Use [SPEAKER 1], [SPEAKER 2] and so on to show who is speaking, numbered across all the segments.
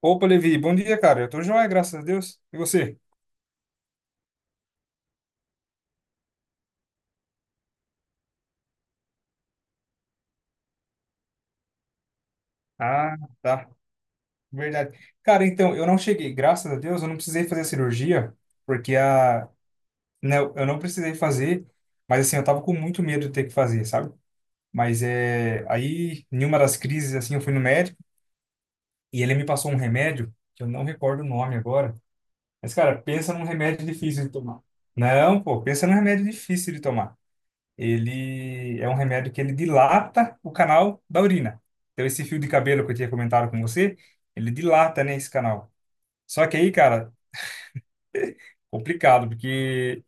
[SPEAKER 1] Opa, Levi, bom dia, cara. Eu tô joia, graças a Deus. E você? Ah, tá. Verdade. Cara, então, eu não cheguei, graças a Deus, eu não precisei fazer a cirurgia, porque a. Não, eu não precisei fazer, mas assim, eu tava com muito medo de ter que fazer, sabe? Mas é. Aí, em uma das crises, assim, eu fui no médico e ele me passou um remédio, que eu não recordo o nome agora. Mas, cara, pensa num remédio difícil de tomar. Não, pô, pensa num remédio difícil de tomar. Ele é um remédio que ele dilata o canal da urina. Então, esse fio de cabelo que eu tinha comentado com você, ele dilata, né, esse canal. Só que aí, cara, complicado.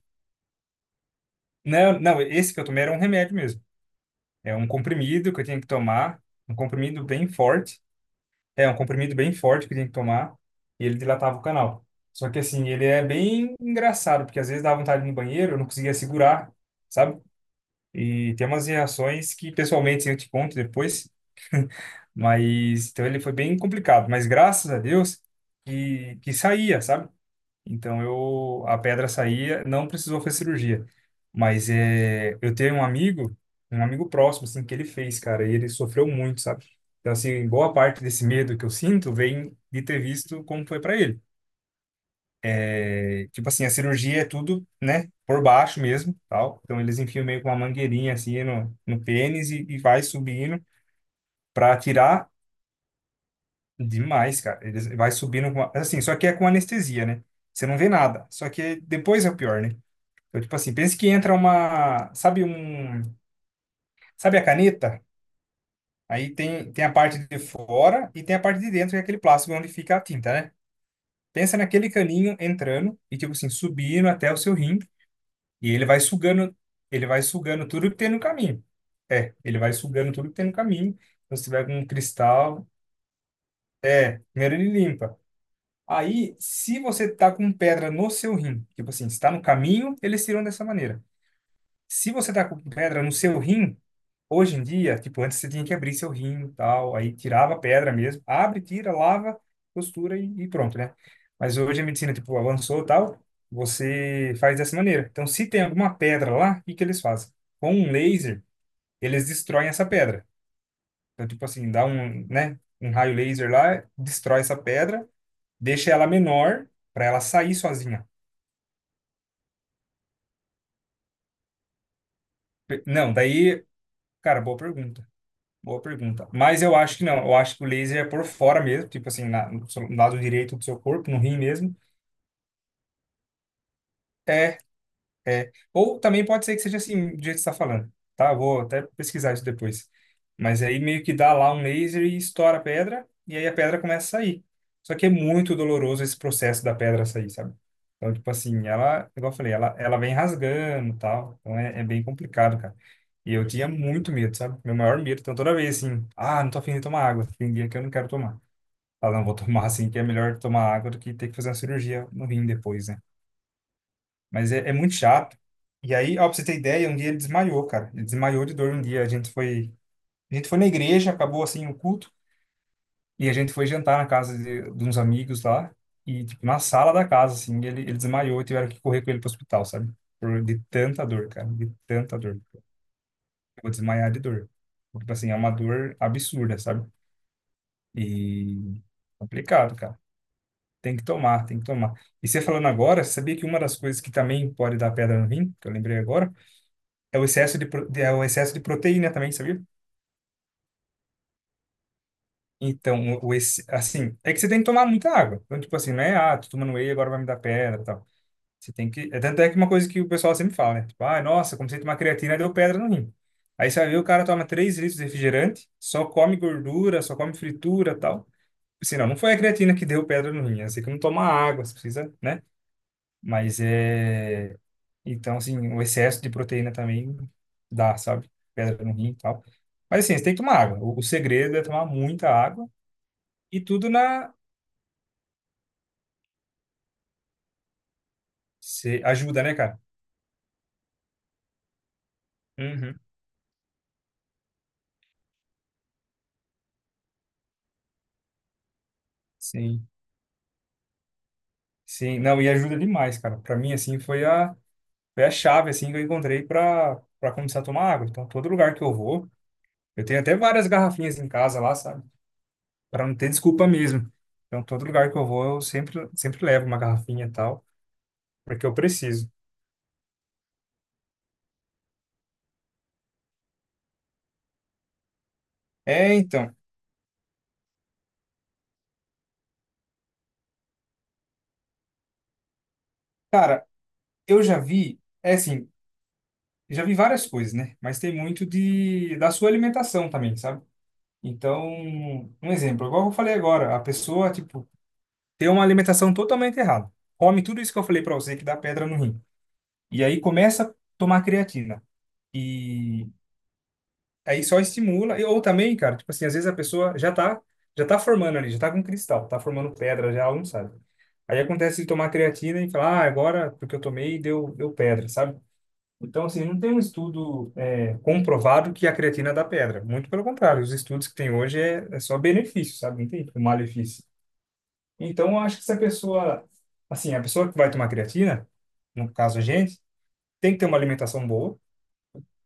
[SPEAKER 1] Não, não, esse que eu tomei era um remédio mesmo. É um comprimido que eu tinha que tomar, um comprimido bem forte. É, um comprimido bem forte que eu tinha que tomar, e ele dilatava o canal. Só que, assim, ele é bem engraçado, porque às vezes dava vontade de ir no banheiro, eu não conseguia segurar, sabe? E tem umas reações que, pessoalmente, eu te conto depois. Mas, então ele foi bem complicado. Mas graças a Deus que saía, sabe? Então eu, a pedra saía, não precisou fazer cirurgia. Mas é, eu tenho um amigo próximo, assim, que ele fez, cara, e ele sofreu muito, sabe? Então, assim, boa parte desse medo que eu sinto vem de ter visto como foi para ele. É, tipo assim, a cirurgia é tudo, né, por baixo mesmo, tal. Então eles enfiam meio com uma mangueirinha assim no pênis e vai subindo para tirar demais, cara. Eles vai subindo com, assim, só que é com anestesia, né? Você não vê nada. Só que depois é o pior, né? Então, tipo assim, pensa que entra uma, sabe um, sabe a caneta? Aí tem a parte de fora e tem a parte de dentro, que é aquele plástico onde fica a tinta, né? Pensa naquele caninho entrando e tipo assim, subindo até o seu rim. E ele vai sugando tudo que tem no caminho. É, ele vai sugando tudo que tem no caminho. Então, se tiver com um cristal, primeiro ele limpa. Aí, se você tá com pedra no seu rim, tipo assim, se tá no caminho, eles tiram dessa maneira. Se você tá com pedra no seu rim, hoje em dia, tipo, antes você tinha que abrir seu rim e tal, aí tirava a pedra mesmo, abre, tira, lava, costura e pronto, né? Mas hoje a medicina, tipo, avançou e tal, você faz dessa maneira. Então, se tem alguma pedra lá, o que que eles fazem? Com um laser, eles destroem essa pedra. Então, tipo assim, dá um, né, um raio laser lá, destrói essa pedra, deixa ela menor para ela sair sozinha. Não, daí, cara, boa pergunta. Boa pergunta. Mas eu acho que não. Eu acho que o laser é por fora mesmo, tipo assim, na, no seu- no lado direito do seu corpo, no rim mesmo. é ou também pode ser que seja assim, do jeito que você está falando, tá? Vou até pesquisar isso depois. Mas aí meio que dá lá um laser e estoura a pedra, e aí a pedra começa a sair. Só que é muito doloroso esse processo da pedra sair, sabe? Então, tipo assim, ela, igual eu falei, ela vem rasgando e tal. Então é, é bem complicado, cara. E eu tinha muito medo, sabe? Meu maior medo. Então toda vez assim, ah, não tô afim de tomar água. Tem dia que eu não quero tomar. Ah, não, vou tomar assim, que é melhor tomar água do que ter que fazer uma cirurgia no rim depois, né? Mas é, é muito chato. E aí, ó, pra você ter ideia, um dia ele desmaiou, cara. Ele desmaiou de dor um dia. A gente foi na igreja, acabou assim o culto, e a gente foi jantar na casa de uns amigos lá, e tipo, na sala da casa, assim, ele desmaiou e tiveram que correr com ele pro hospital, sabe? Por, de tanta dor, cara, de tanta dor. Eu vou desmaiar de dor. Tipo assim, é uma dor absurda, sabe? E complicado, cara. Tem que tomar, tem que tomar. E você falando agora, você sabia que uma das coisas que também pode dar pedra no rim, que eu lembrei agora, É o excesso de, pro- de- é o excesso de proteína também, sabia? Então, assim, é que você tem que tomar muita água. Então, tipo assim, não é, ah, tô tomando whey, agora vai me dar pedra e tal. Você tem que. É tanto é que uma coisa que o pessoal sempre fala, né? Tipo, ah, nossa, comecei a tomar creatina, deu pedra no rim. Aí você vai ver, o cara toma 3 litros de refrigerante, só come gordura, só come fritura e tal. Assim, não, não foi a creatina que deu pedra no rim. É assim, que não toma água, você precisa, né? Mas é. Então, assim, o excesso de proteína também dá, sabe? Pedra no rim e tal. Mas, assim, você tem que tomar água. O segredo é tomar muita água e tudo na. Cê- ajuda, né, cara? Uhum. Sim, sim. Não, e ajuda demais, cara. Pra mim, assim, foi a, chave, assim, que eu encontrei pra, pra começar a tomar água. Então, todo lugar que eu vou, eu tenho até várias garrafinhas em casa lá, sabe? Pra não ter desculpa mesmo. Então, todo lugar que eu vou, eu sempre, sempre levo uma garrafinha e tal, porque eu preciso. É, então. Cara, eu já vi, é assim, já vi várias coisas, né? Mas tem muito de da sua alimentação também, sabe? Então, um exemplo, igual eu falei agora, a pessoa, tipo, tem uma alimentação totalmente errada. Come tudo isso que eu falei pra você que dá pedra no rim. E aí começa a tomar creatina. E aí só estimula, ou também, cara, tipo assim, às vezes a pessoa já tá formando ali, já tá com cristal, tá formando pedra já, ela não sabe. Aí acontece de tomar creatina e falar, ah, agora porque eu tomei deu pedra, sabe? Então, assim, não tem um estudo comprovado que a creatina dá pedra. Muito pelo contrário, os estudos que tem hoje é só benefício, sabe? Não tem tipo, malefício. Então, eu acho que se a pessoa, assim, a pessoa que vai tomar creatina, no caso a gente, tem que ter uma alimentação boa,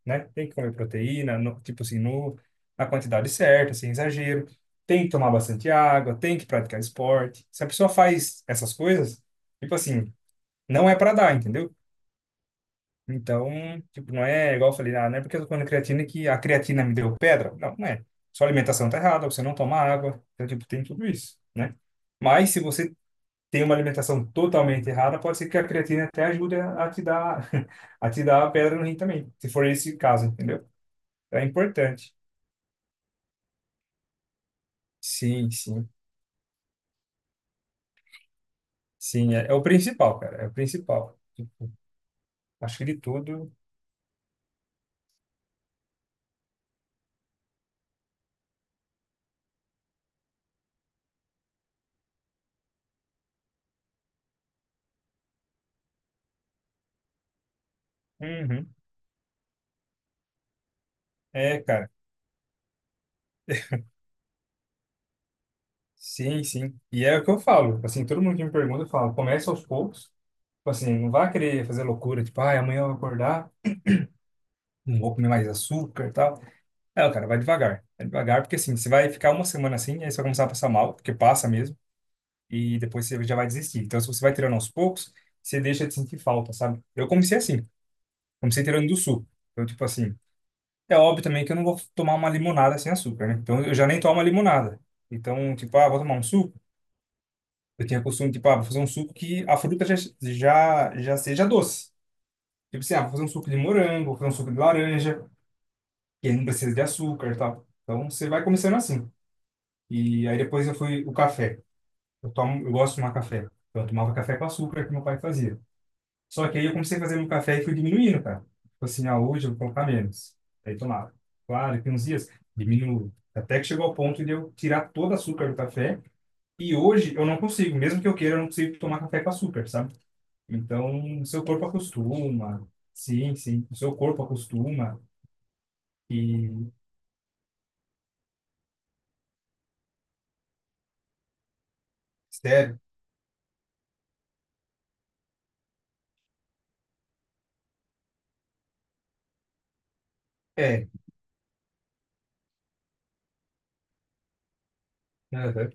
[SPEAKER 1] né? Tem que comer proteína, no, tipo assim, no, na quantidade certa, sem exagero. Tem que tomar bastante água, tem que praticar esporte. Se a pessoa faz essas coisas, tipo assim, não é para dar, entendeu? Então, tipo, não é igual eu falei, ah, não é porque eu tô comendo creatina que a creatina me deu pedra. Não, não é. Sua alimentação tá errada, você não toma água. Então, tipo, tem tudo isso, né? Mas se você tem uma alimentação totalmente errada, pode ser que a creatina até ajude a te dar, a te dar a pedra no rim também, se for esse caso, entendeu? É importante. Sim, sim. Sim, é, é o principal, cara. É o principal. Tipo, acho que de tudo. Uhum. É, cara. Sim, sim. E é o que eu falo. Assim, todo mundo que me pergunta, eu falo, começa aos poucos. Tipo assim, não vá querer fazer loucura, tipo, ai, amanhã eu vou acordar, não vou comer mais açúcar e tal. É, cara, vai devagar. Vai devagar, porque assim, você vai ficar uma semana assim, aí você vai começar a passar mal, porque passa mesmo, e depois você já vai desistir. Então, se você vai tirando aos poucos, você deixa de sentir falta, sabe? Eu comecei assim, comecei tirando do suco. Então, tipo assim, é óbvio também que eu não vou tomar uma limonada sem açúcar, né? Então, eu já nem tomo uma limonada. Então, tipo, ah, vou tomar um suco. Eu tinha costume, tipo, ah, vou fazer um suco que a fruta já seja doce. Tipo assim, ah, vou fazer um suco de morango, vou fazer um suco de laranja, que não precisa de açúcar e tal. Então você vai começando assim. E aí depois eu fui o café. Eu tomo, eu gosto de tomar café. Então eu tomava café com açúcar que meu pai fazia. Só que aí eu comecei a fazer meu café e fui diminuindo, cara. Tipo assim, ah, hoje eu vou colocar menos. Aí tomava. Claro, que uns dias diminuo. Até que chegou ao ponto de eu tirar todo o açúcar do café. E hoje eu não consigo, mesmo que eu queira, eu não consigo tomar café com açúcar, sabe? Então, o seu corpo acostuma. Sim, sim. O seu corpo acostuma. E, sério? É. Aham.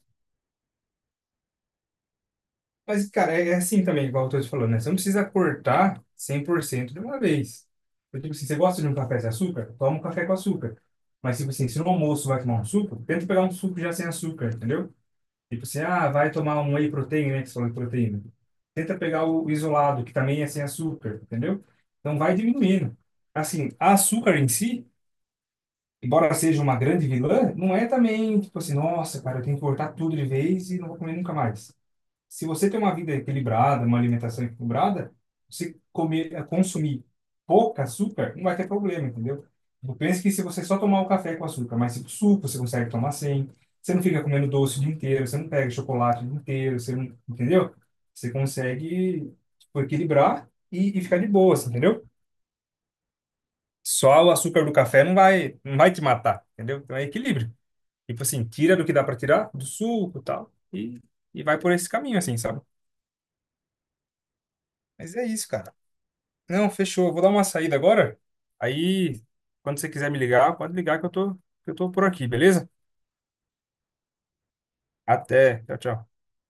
[SPEAKER 1] Mas, cara, é é assim também, igual eu tô te falando, né? Você não precisa cortar 100% de uma vez. Eu digo assim, você gosta de um café sem açúcar? Toma um café com açúcar. Mas, tipo assim, se no almoço vai tomar um suco, tenta pegar um suco já sem açúcar, entendeu? Tipo assim, ah, vai tomar um whey protein, né? Que você falou de proteína. Tenta pegar o isolado, que também é sem açúcar, entendeu? Então, vai diminuindo. Assim, açúcar em si embora seja uma grande vilã, não é também, tipo assim, nossa, cara, eu tenho que cortar tudo de vez e não vou comer nunca mais. Se você tem uma vida equilibrada, uma alimentação equilibrada, você comer, consumir pouco açúcar, não vai ter problema, entendeu? Eu penso que se você só tomar o café com açúcar, mas tipo, suco você consegue tomar sem, você não fica comendo doce o dia inteiro, você não pega chocolate o dia inteiro, você não, entendeu? Você consegue, tipo, equilibrar e ficar de boa, assim, entendeu? Só o açúcar do café não vai te matar, entendeu? Então é equilíbrio. Tipo assim, tira do que dá pra tirar, do suco e tal, e vai por esse caminho, assim, sabe? Mas é isso, cara. Não, fechou. Eu vou dar uma saída agora. Aí, quando você quiser me ligar, pode ligar que eu tô por aqui, beleza? Até. Tchau, tchau.